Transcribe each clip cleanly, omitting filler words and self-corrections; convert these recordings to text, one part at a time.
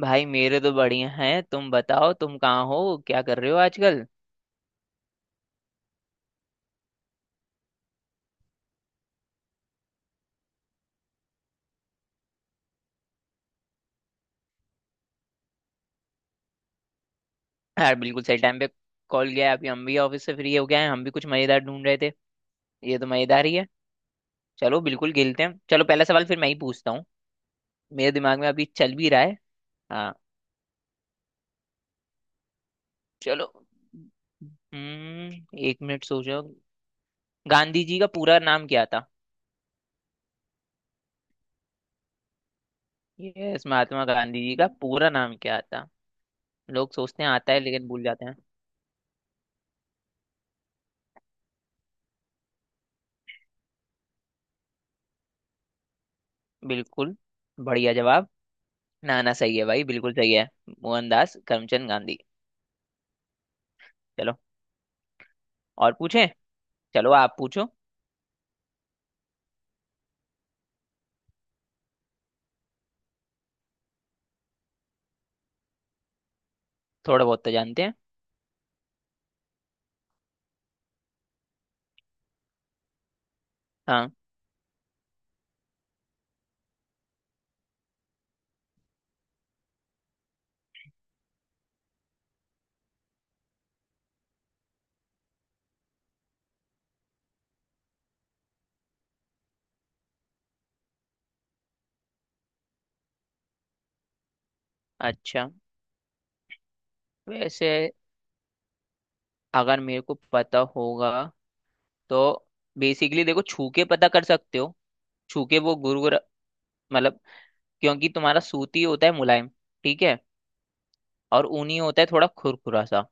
भाई मेरे तो बढ़िया हैं। तुम बताओ, तुम कहाँ हो, क्या कर रहे हो आजकल? यार बिल्कुल सही टाइम पे कॉल गया। अभी हम भी ऑफिस से फ्री हो गए हैं, हम भी कुछ मजेदार ढूंढ रहे थे। ये तो मजेदार ही है। चलो बिल्कुल खेलते हैं। चलो पहला सवाल फिर मैं ही पूछता हूँ। मेरे दिमाग में अभी चल भी रहा है। हाँ, चलो। हम्म, एक मिनट सोचो। गांधी जी का पूरा नाम क्या था? यस, महात्मा गांधी जी का पूरा नाम क्या था? लोग सोचते हैं आता है लेकिन भूल जाते हैं। बिल्कुल, बढ़िया जवाब। ना ना, सही है भाई, बिल्कुल सही है। मोहनदास करमचंद गांधी। चलो और पूछें। चलो आप पूछो। थोड़ा बहुत तो जानते हैं। हाँ। अच्छा। वैसे अगर मेरे को पता होगा तो बेसिकली देखो, छू के पता कर सकते हो। छू के वो मतलब, क्योंकि तुम्हारा सूती होता है मुलायम, ठीक है। और ऊनी होता है थोड़ा खुरखुरा सा,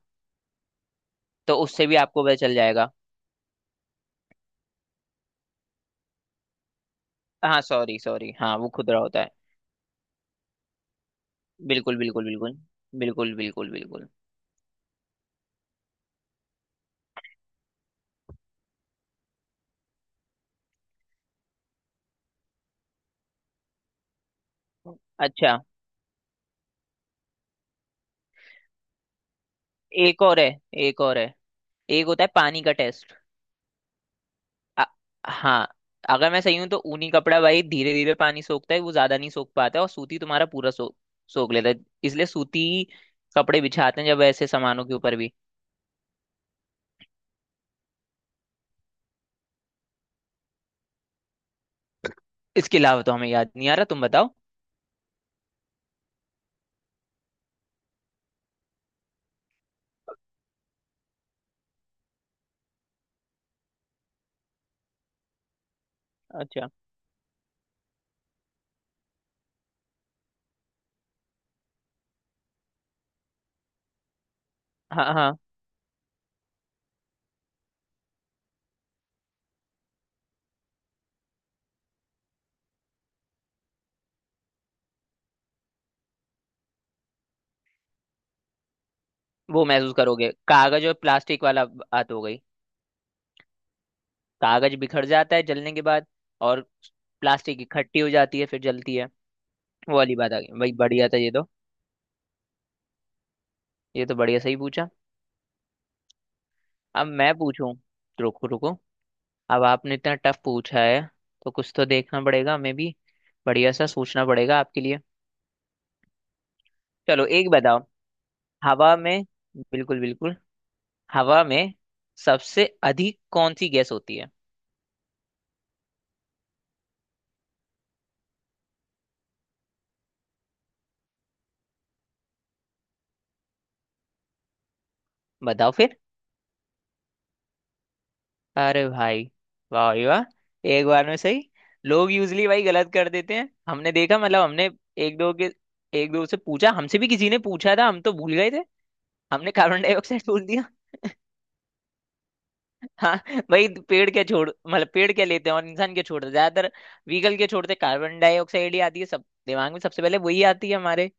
तो उससे भी आपको पता चल जाएगा। हाँ सॉरी सॉरी, हाँ वो खुदरा होता है। बिल्कुल बिल्कुल बिल्कुल। बिल्कुल बिल्कुल बिल्कुल। अच्छा, एक और है। एक और है एक होता है पानी का टेस्ट। अ- हाँ, अगर मैं सही हूं तो ऊनी कपड़ा भाई धीरे धीरे पानी सोखता है, वो ज्यादा नहीं सोख पाता है, और सूती तुम्हारा पूरा सो सोख लेता है। इसलिए सूती कपड़े बिछाते हैं जब ऐसे सामानों के ऊपर भी। इसके अलावा तो हमें याद नहीं आ रहा, तुम बताओ। अच्छा। हाँ हाँ, वो महसूस करोगे, कागज और प्लास्टिक वाला बात हो गई। कागज बिखर जाता है जलने के बाद, और प्लास्टिक इकट्ठी हो जाती है फिर जलती है। वो वाली बात आ गई भाई, बढ़िया था ये तो। ये तो बढ़िया सही पूछा। अब मैं पूछूं, रुको रुको। अब आपने इतना टफ पूछा है तो कुछ तो देखना पड़ेगा हमें भी। बढ़िया सा सोचना पड़ेगा आपके लिए। चलो एक बताओ, हवा में, बिल्कुल बिल्कुल, हवा में सबसे अधिक कौन सी गैस होती है? बताओ फिर। अरे भाई, वाह भाई वाह, एक बार में सही। लोग यूजली भाई गलत कर देते हैं, हमने देखा। मतलब हमने एक दो के एक दो से पूछा, हमसे भी किसी ने पूछा था, हम तो भूल गए थे। हमने कार्बन डाइऑक्साइड बोल दिया। हाँ, भाई पेड़ क्या छोड़ मतलब पेड़ क्या लेते हैं और इंसान क्या छोड़ते हैं, ज्यादातर व्हीकल क्या छोड़ते हैं, कार्बन डाइऑक्साइड ही आती है सब दिमाग में। सबसे पहले वही आती है हमारे,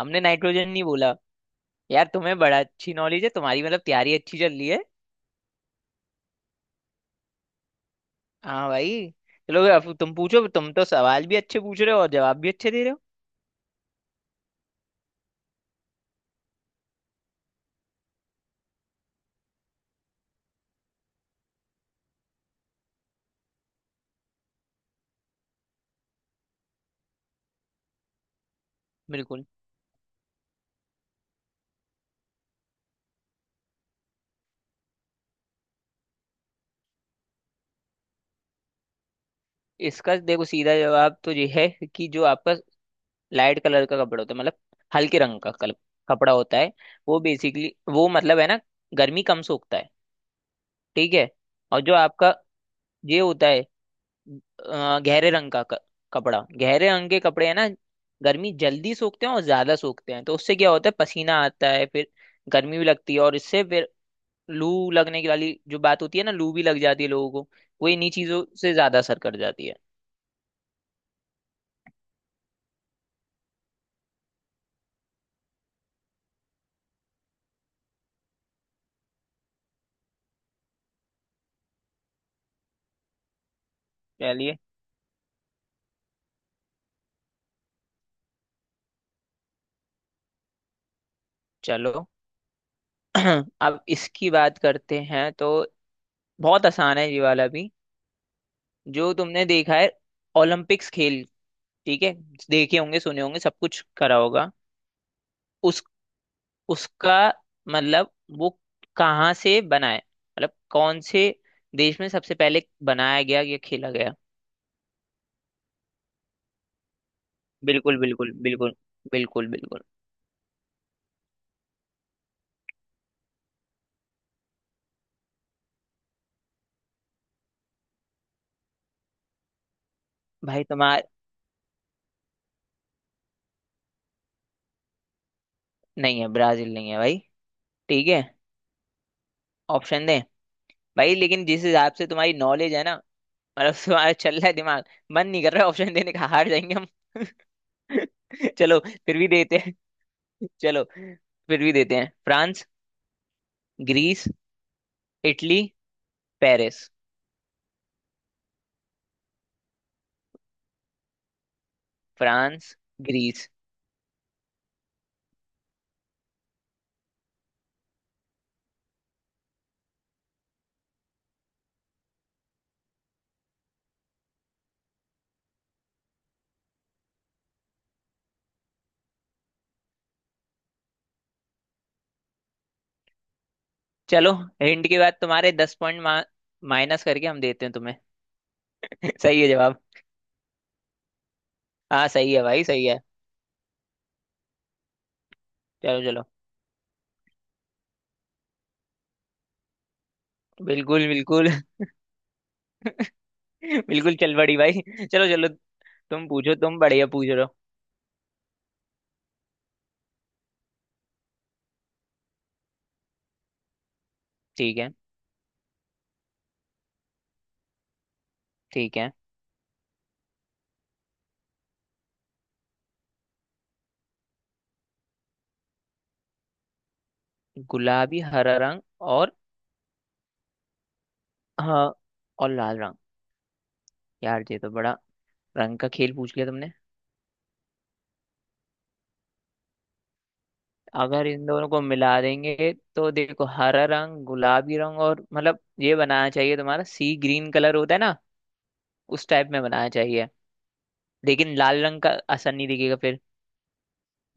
हमने नाइट्रोजन नहीं बोला। यार तुम्हें बड़ा अच्छी नॉलेज है तुम्हारी, मतलब तैयारी अच्छी चल रही है। हाँ भाई, चलो अब तुम पूछो। तुम तो सवाल भी अच्छे पूछ रहे हो और जवाब भी अच्छे दे रहे हो। बिल्कुल। इसका देखो सीधा जवाब तो ये है कि जो आपका लाइट कलर का कपड़ा होता है, मतलब हल्के रंग का कपड़ा होता है, वो बेसिकली, वो मतलब है ना, गर्मी कम सोखता है, ठीक है। और जो आपका ये होता है गहरे रंग का कपड़ा, गहरे रंग के कपड़े है ना, गर्मी जल्दी सोखते हैं और ज्यादा सोखते हैं, तो उससे क्या होता है, पसीना आता है, फिर गर्मी भी लगती है, और इससे फिर लू लगने की वाली जो बात होती है ना, लू भी लग जाती है लोगों को। वो इन्हीं चीजों से ज्यादा असर कर जाती है। चलिए, चलो अब इसकी बात करते हैं तो बहुत आसान है ये वाला भी। जो तुमने देखा है ओलंपिक्स खेल, ठीक है, देखे होंगे सुने होंगे सब कुछ करा होगा। उस उसका मतलब वो कहाँ से बना है, मतलब कौन से देश में सबसे पहले बनाया गया या खेला गया? बिल्कुल बिल्कुल बिल्कुल। बिल्कुल बिल्कुल। भाई तुम्हारा, नहीं है, ब्राजील नहीं है भाई। ठीक है, ऑप्शन दे। भाई लेकिन जिस हिसाब से तुम्हारी नॉलेज है ना, मतलब तुम्हारा चल रहा है दिमाग, मन नहीं कर रहा ऑप्शन देने का, हार जाएंगे हम। चलो फिर भी देते हैं। चलो फिर भी देते हैं, France, Greece, Italy, Paris. France, Greece. चलो, हिंट के बाद तुम्हारे दस पॉइंट माइनस करके हम देते हैं तुम्हें। सही है जवाब। हाँ सही है भाई, सही है। चलो चलो, बिल्कुल बिल्कुल। बिल्कुल चल बड़ी भाई, चलो चलो। तुम पूछो, तुम बढ़िया पूछ रहे हो। ठीक है। ठीक है। गुलाबी हरा रंग और, हाँ और लाल रंग। यार ये तो बड़ा रंग का खेल पूछ लिया तुमने। अगर इन दोनों को मिला देंगे तो देखो, हरा रंग, गुलाबी रंग, और मतलब ये बनाना चाहिए, तुम्हारा सी ग्रीन कलर होता है ना, उस टाइप में बनाना चाहिए। लेकिन लाल रंग का असर नहीं दिखेगा फिर।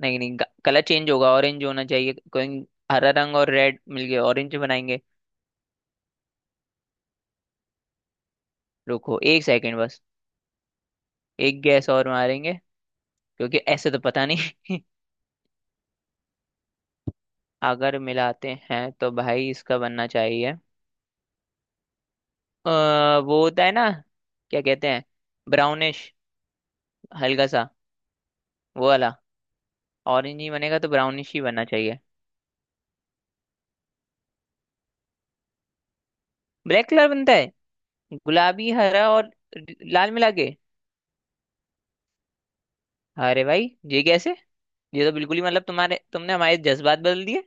नहीं नहीं, कलर चेंज होगा, ऑरेंज होना चाहिए कोई। हरा रंग और रेड मिलके ऑरेंज बनाएंगे। रुको एक सेकंड बस, एक गैस और मारेंगे क्योंकि ऐसे तो पता नहीं। अगर मिलाते हैं तो भाई इसका बनना चाहिए वो होता है ना, क्या कहते हैं, ब्राउनिश, हल्का सा, वो वाला। ऑरेंज ही बनेगा तो ब्राउनिश ही बनना चाहिए। ब्लैक कलर बनता है? गुलाबी हरा और लाल मिला के? अरे भाई ये कैसे? ये तो बिल्कुल ही मतलब तुम्हारे तुमने हमारे जज्बात बदल दिए।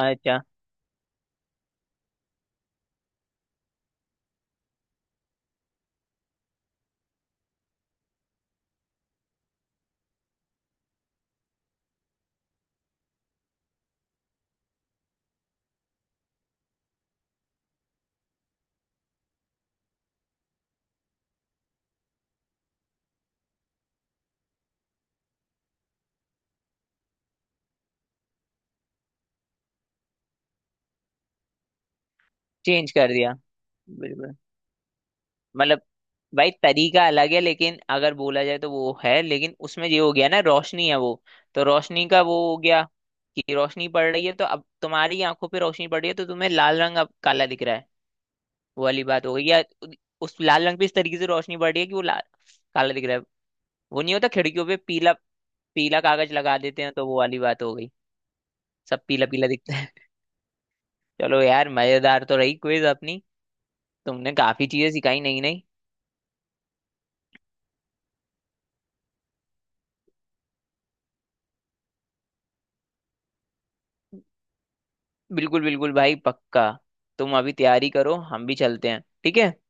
अच्छा, चेंज कर दिया, बिल्कुल। मतलब भाई तरीका अलग है, लेकिन अगर बोला जाए तो वो है, लेकिन उसमें ये हो गया ना, रोशनी है वो, तो रोशनी का वो हो गया, कि रोशनी पड़ रही है, तो अब तुम्हारी आंखों पे रोशनी पड़ रही है तो तुम्हें लाल रंग अब काला दिख रहा है। वो वाली बात हो गई। या उस लाल रंग पे इस तरीके से रोशनी पड़ रही है कि वो लाल काला दिख रहा है। वो नहीं होता, खिड़कियों पे पीला पीला कागज लगा देते हैं, तो वो वाली बात हो गई। सब पीला पीला दिखता है। चलो यार, मजेदार तो रही क्विज अपनी। तुमने काफी चीजें सिखाई नई नई। बिल्कुल बिल्कुल भाई, पक्का। तुम अभी तैयारी करो, हम भी चलते हैं, ठीक है।